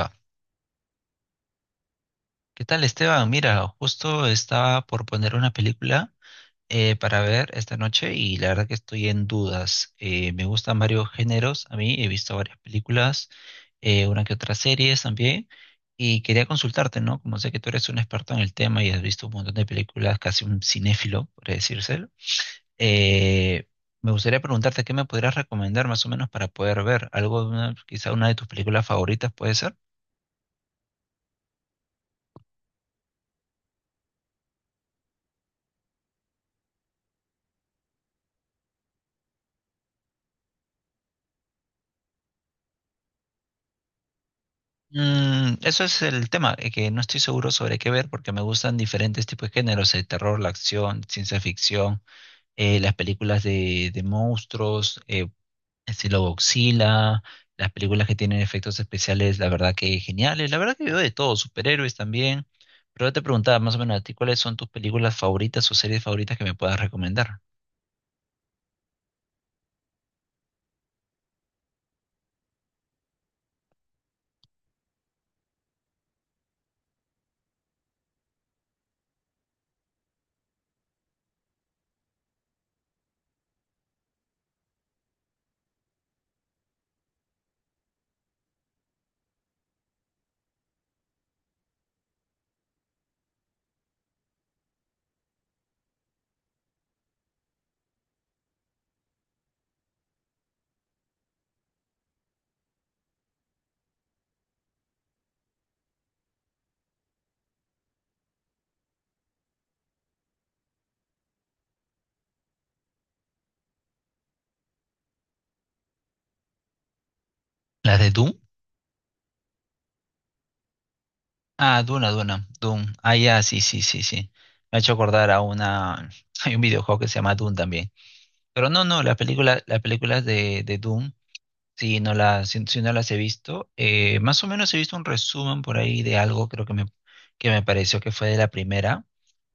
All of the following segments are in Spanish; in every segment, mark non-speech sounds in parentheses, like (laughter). Va. ¿Qué tal, Esteban? Mira, justo estaba por poner una película para ver esta noche y la verdad que estoy en dudas. Me gustan varios géneros, a mí he visto varias películas, una que otra series también, y quería consultarte, ¿no? Como sé que tú eres un experto en el tema y has visto un montón de películas, casi un cinéfilo, por decirse, eh, me gustaría preguntarte qué me podrías recomendar más o menos para poder ver algo, quizá una de tus películas favoritas, ¿puede ser? Eso es el tema, que no estoy seguro sobre qué ver porque me gustan diferentes tipos de géneros, el terror, la acción, ciencia ficción, las películas de monstruos, estilo Godzilla, las películas que tienen efectos especiales, la verdad que geniales, la verdad que veo de todo, superhéroes también, pero yo te preguntaba más o menos a ti cuáles son tus películas favoritas o series favoritas que me puedas recomendar. ¿Las de Doom? Ah, Duna, Duna, Doom. Ah, ya, sí, sí, sí, sí. Me ha hecho acordar a una. (laughs) Hay un videojuego que se llama Doom también. Pero no, no, las películas de Doom, si no las he visto, más o menos he visto un resumen por ahí de algo, que me pareció que fue de la primera,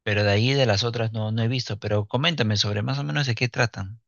pero de ahí de las otras no, no he visto. Pero coméntame sobre más o menos de qué tratan.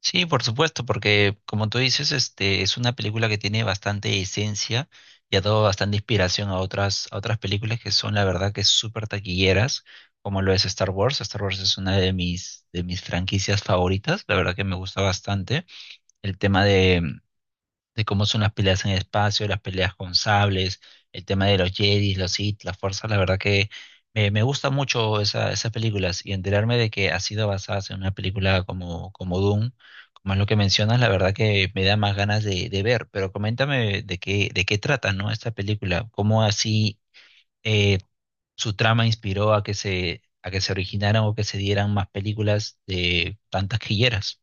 Sí, por supuesto, porque como tú dices, este es una película que tiene bastante esencia y ha dado bastante inspiración a otras películas que son la verdad que súper taquilleras, como lo es Star Wars. Star Wars es una de mis franquicias favoritas, la verdad que me gusta bastante. El tema de, de cómo son las peleas en el espacio, las peleas con sables, el tema de los Jedi, los Sith, las fuerzas, la verdad que me gusta mucho esas películas y enterarme de que ha sido basada en una película como, como Doom, como es lo que mencionas, la verdad que me da más ganas de ver, pero coméntame de qué trata, ¿no? Esta película, cómo así eh, su trama inspiró a que se originaran o que se dieran más películas de tantas quilleras.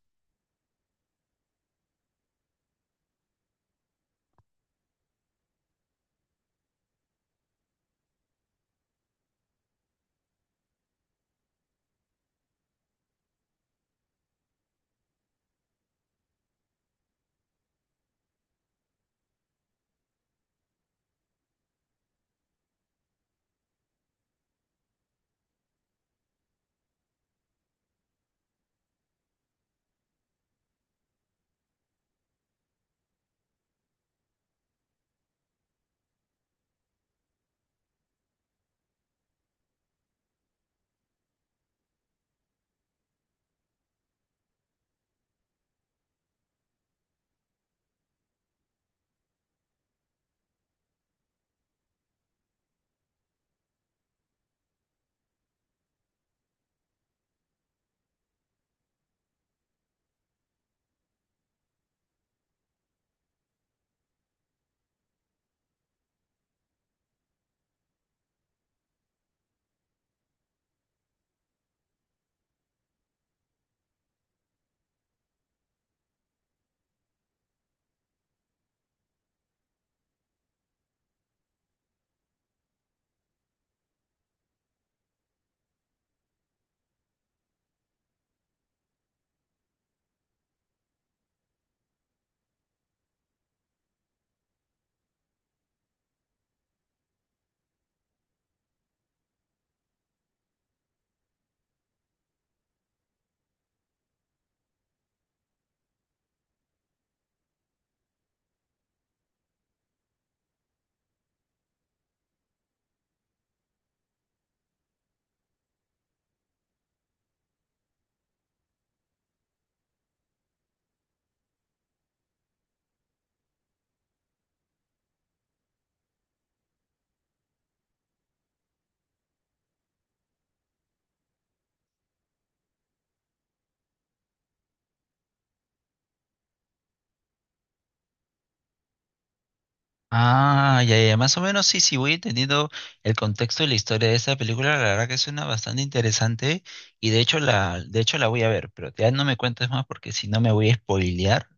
Ah, ya, ya, más o menos sí, sí, voy entendiendo el contexto y la historia de esta película, la verdad que suena bastante interesante y de hecho la voy a ver, pero ya no me cuentes más porque si no me voy a spoilear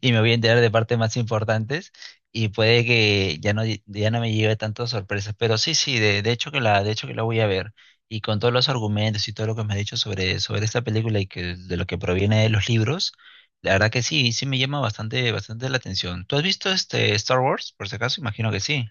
y me voy a enterar de partes más importantes y puede que ya no, ya no me lleve tantas sorpresas, pero sí, sí, de hecho que la, de hecho que la voy a ver y con todos los argumentos y todo lo que me has dicho sobre, sobre esta película y que de lo que proviene de los libros, la verdad que sí, sí me llama bastante, bastante la atención. ¿Tú has visto este Star Wars, por si acaso? Imagino que sí.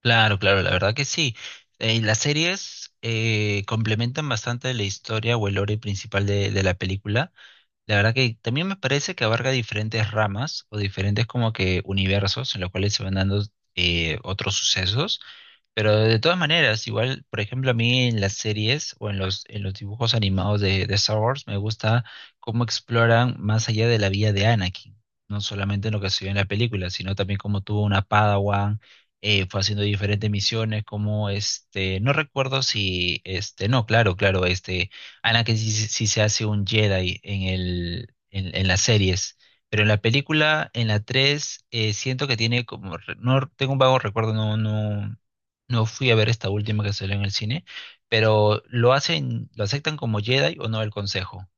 Claro, claro, la verdad que sí. Y las series complementan bastante la historia o el lore principal de la película. La verdad que también me parece que abarca diferentes ramas o diferentes como que universos en los cuales se van dando otros sucesos. Pero de todas maneras, igual, por ejemplo, a mí en las series o en los dibujos animados de Star Wars me gusta cómo exploran más allá de la vida de Anakin, no solamente en lo que se vio en la película, sino también cómo tuvo una Padawan, fue haciendo diferentes misiones, como este, no recuerdo si, este, no, claro, claro, este, Anakin sí, sí se hace un Jedi en en las series. Pero en la película, en la 3 siento que tiene como, no tengo un vago recuerdo, no, no, no fui a ver esta última que salió en el cine, pero lo hacen, lo aceptan como Jedi o no el consejo.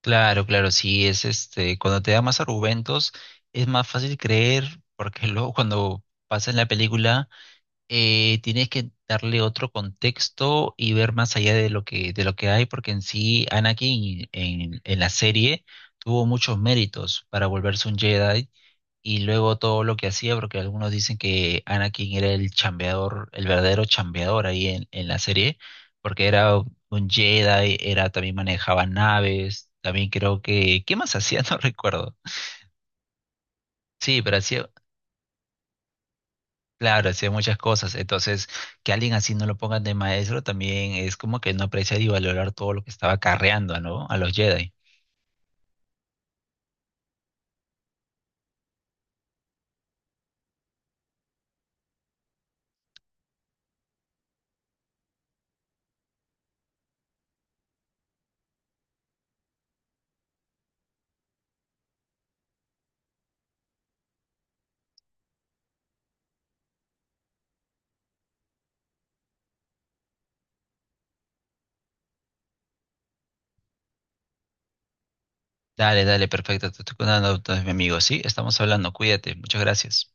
Claro, claro, sí, es este, cuando te da más argumentos, es más fácil creer, porque (laughs) luego cuando pasa en la película, tienes que darle otro contexto y ver más allá de lo que hay, porque en sí en la serie tuvo muchos méritos para volverse un Jedi y luego todo lo que hacía, porque algunos dicen que Anakin era el chambeador, el verdadero chambeador ahí en la serie, porque era un Jedi, era, también manejaba naves, también creo que, ¿qué más hacía? (laughs) No recuerdo. Sí, pero hacía, claro, hacía muchas cosas. Entonces, que alguien así no lo pongan de maestro también es como que no apreciar y valorar todo lo que estaba carreando, ¿no? A los Jedi. Dale, dale, perfecto. Te estoy contando, entonces, mi amigo. Sí, estamos hablando. Cuídate. Muchas gracias.